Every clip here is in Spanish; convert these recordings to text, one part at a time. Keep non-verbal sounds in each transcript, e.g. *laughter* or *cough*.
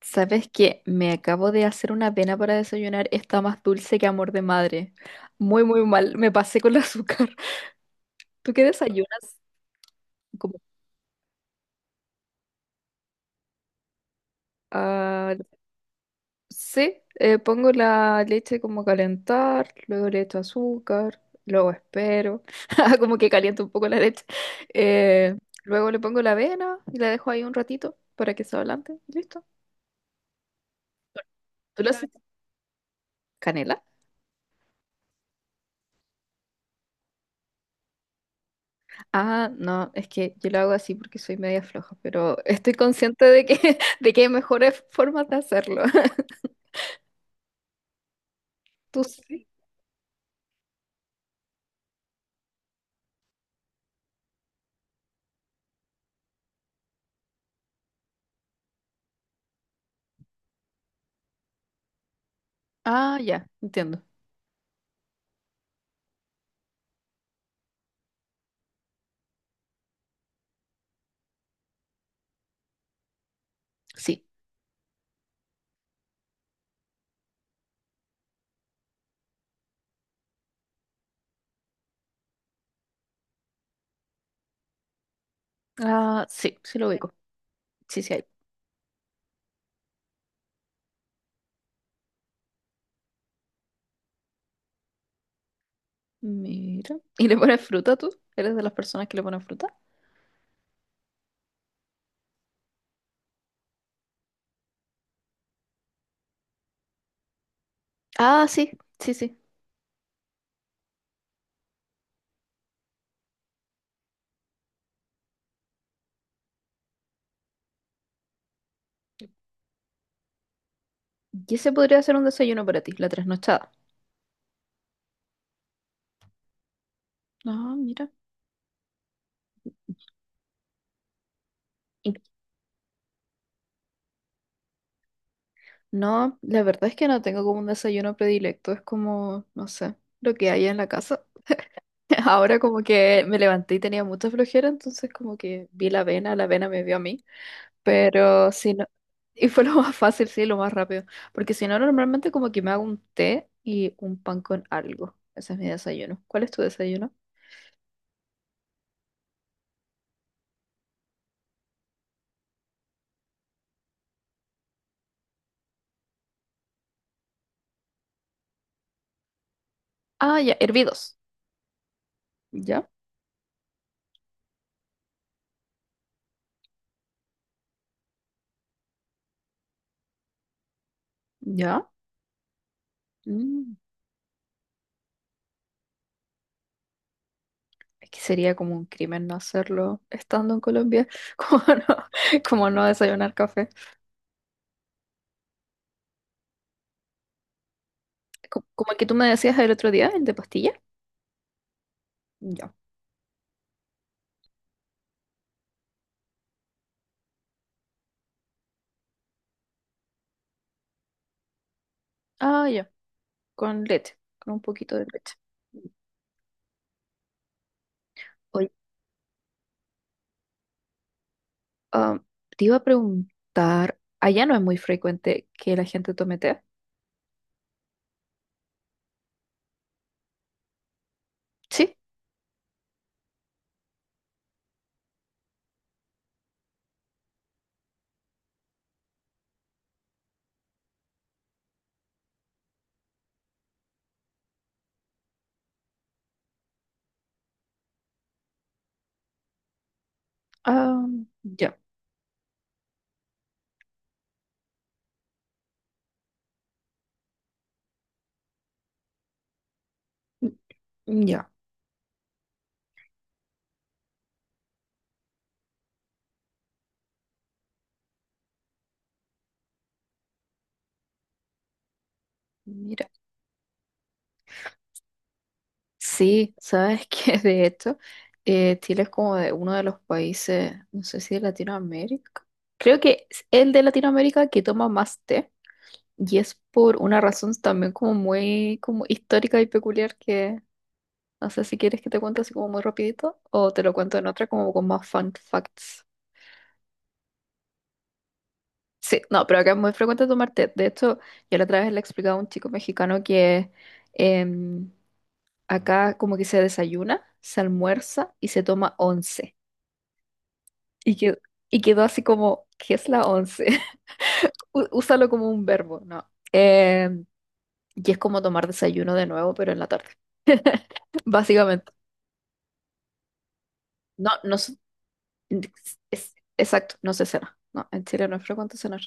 ¿Sabes qué? Me acabo de hacer una avena para desayunar. Está más dulce que amor de madre. Muy, muy mal. Me pasé con el azúcar. *laughs* ¿Tú qué desayunas? Como, ah, sí, pongo la leche como a calentar, luego le echo azúcar, luego espero. *laughs* Como que caliento un poco la leche. Eh, Luego le pongo la avena y la dejo ahí un ratito para que se ablande. Y listo. ¿Tú lo haces? ¿Canela? Ah, no, es que yo lo hago así porque soy media floja, pero *laughs* estoy consciente de que, *laughs* de que hay mejores formas de hacerlo. *laughs* ¿Tú sí? Ah, ya, entiendo. Sí. Ah, sí, sí lo ubico. Sí, sí hay. Mira. ¿Y le pones fruta tú? ¿Eres de las personas que le ponen fruta? Ah, sí, sí, sí. Y ese podría ser un desayuno para ti, la trasnochada. Ah, mira. Y- No, la verdad es que no tengo como un desayuno predilecto, es como, no sé, lo que haya en la casa. *laughs* Ahora como que me levanté y tenía mucha flojera, entonces como que vi la vena me vio a mí, pero si no, y fue lo *laughs* más fácil, sí, lo más rápido, porque si no, normalmente como que me hago un té y un pan con algo. Ese es mi desayuno. ¿Cuál es tu desayuno? Ah, ya, hervidos. ¿Ya? ¿Ya? Mm. Es que sería como un crimen no hacerlo estando en Colombia, *laughs* como no, como no desayunar café. Como el que tú me decías el otro día, el de pastilla. Ya. Ah, ya. Con leche, con un poquito de leche. Oye, Ah, te iba a preguntar, allá no es muy frecuente que la gente tome té. Sí, ah, ya, mm, ya, mira. Sí, sabes *laughs* que de hecho, Chile es como de uno de los países, no sé si de Latinoamérica. Creo que es el de Latinoamérica que toma más té. Y es por una razón también como muy como histórica y peculiar que no sé si quieres que te cuente así como muy rapidito o te lo cuento en otra como con más fun facts. Sí, no, pero acá es muy frecuente tomar té. De hecho, yo la otra vez le explicaba a un chico mexicano que em, acá como que se desayuna, se almuerza y se toma once. Y, que, y quedó así como, ¿qué es la once? *laughs* Úsalo como un verbo, ¿no? Y es como tomar desayuno de nuevo, pero en la tarde, *laughs* básicamente. No, no, es, exacto, no se cena. No, en Chile no es frecuente cenar.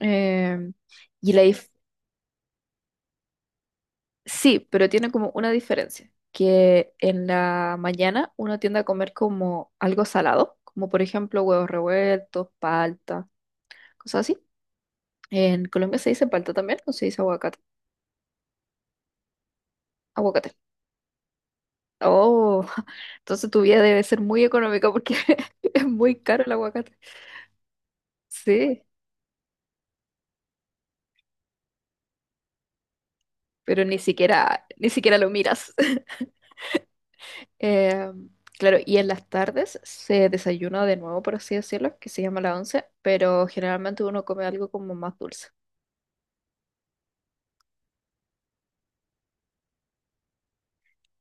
Em, y la dif- sí, pero tiene como una diferencia, que en la mañana uno tiende a comer como algo salado, como por ejemplo huevos revueltos, palta, cosas así. En Colombia se dice palta también, o se dice aguacate. Aguacate. Oh, *laughs* entonces tu vida debe ser muy económica porque *laughs* es muy caro el aguacate. Sí, pero ni siquiera, ni siquiera lo miras. Eh, claro, y en las tardes se desayuna de nuevo, por así decirlo, que se llama la once, pero generalmente uno come algo como más dulce.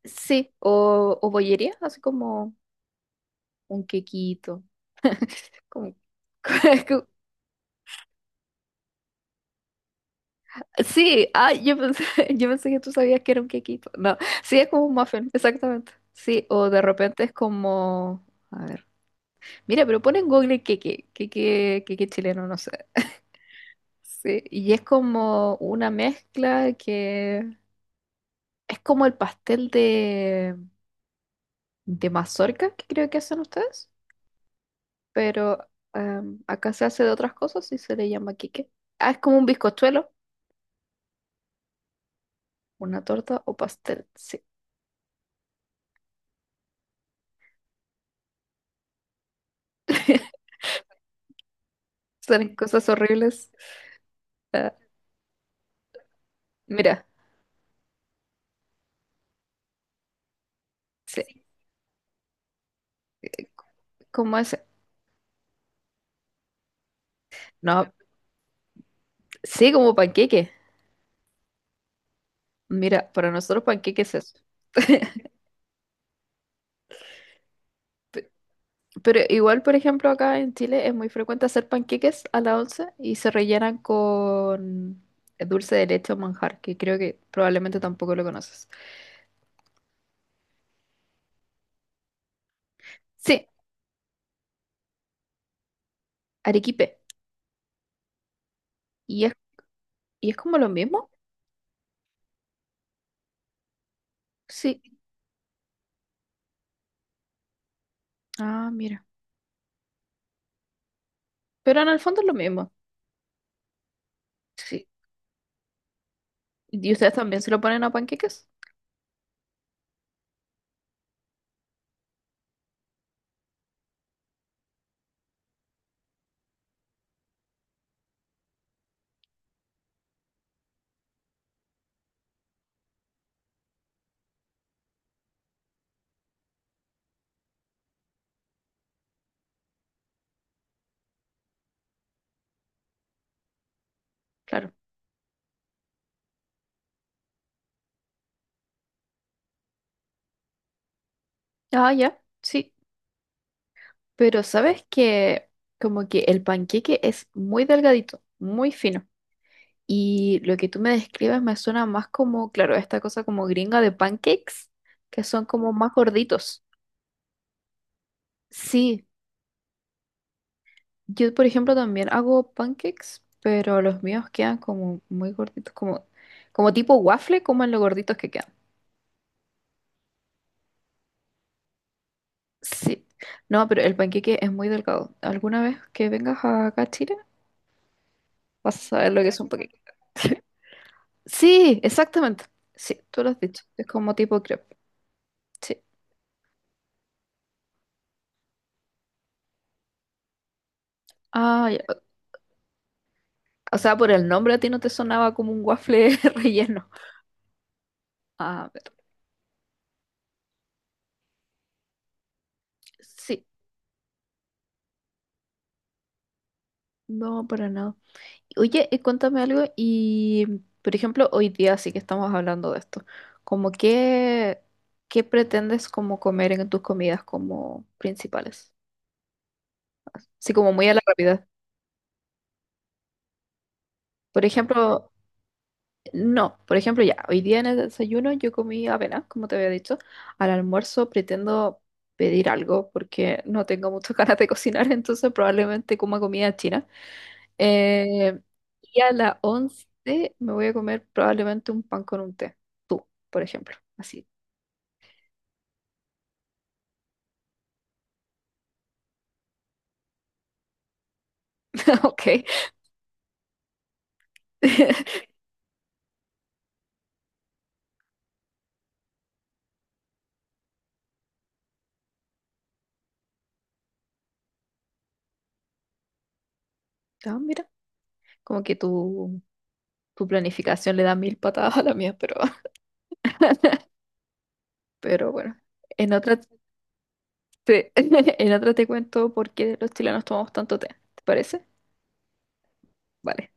Sí, o bollería, así como un quequito. *laughs* como- *laughs* Sí, ah, yo pensé, *laughs* yo pensé que tú sabías que era un quequito. No, sí, es como un muffin, exactamente. Sí, o de repente es como... A ver. Mira, pero pon en Google queque, queque, queque chileno, no sé. Sí, y es como una mezcla que es como el pastel de mazorca que creo que hacen ustedes, pero acá se hace de otras cosas y se le llama quique. Ah, es como un bizcochuelo, una torta o pastel, sí. *laughs* Son cosas horribles. Ah, mira, sí, como ese. No, sí, como panqueque. Mira, para nosotros panqueque es eso. *laughs* Pero igual, por ejemplo, acá en Chile es muy frecuente hacer panqueques a la once y se rellenan con dulce de leche o manjar, que creo que probablemente tampoco lo conoces. Sí, arequipe. ¿Y es, y es como lo mismo? Sí. Ah, mira. Pero en el fondo es lo mismo. Sí. ¿Y ustedes también se lo ponen a panqueques? Claro. Ah, ya. Sí. Pero sabes que como que el panqueque es muy delgadito, muy fino. Y lo que tú me describes me suena más como, claro, esta cosa como gringa de pancakes, que son como más gorditos. Sí, yo por ejemplo también hago pancakes, pero los míos quedan como muy gorditos, como, como tipo waffle, como en lo gorditos que quedan. Sí, no, pero el panqueque es muy delgado. ¿Alguna vez que vengas acá a Chile vas a saber lo que es un panqueque? *laughs* Sí, exactamente. Sí, tú lo has dicho. Es como tipo crepe. Sí. Ah, ya. O sea, por el nombre a ti no te sonaba como un waffle *laughs* relleno. A ver, sí, no, para nada. Oye, cuéntame algo y, por ejemplo, hoy día sí que estamos hablando de esto. Como qué, ¿qué pretendes como comer en tus comidas como principales? Sí, como muy a la rápida. Por ejemplo, no, por ejemplo, ya, hoy día en el desayuno yo comí avena, como te había dicho. Al almuerzo pretendo pedir algo porque no tengo muchas *laughs* ganas de cocinar, entonces probablemente coma comida china. Eh, y a las once me voy a comer probablemente un pan con un té. Tú, por ejemplo. Así. *laughs* Ok. *laughs* Ah, mira, como que tu planificación le da mil patadas a la mía, pero bueno. En otra te, *laughs* en otra te cuento por qué los chilenos tomamos tanto té. ¿Te parece? Vale.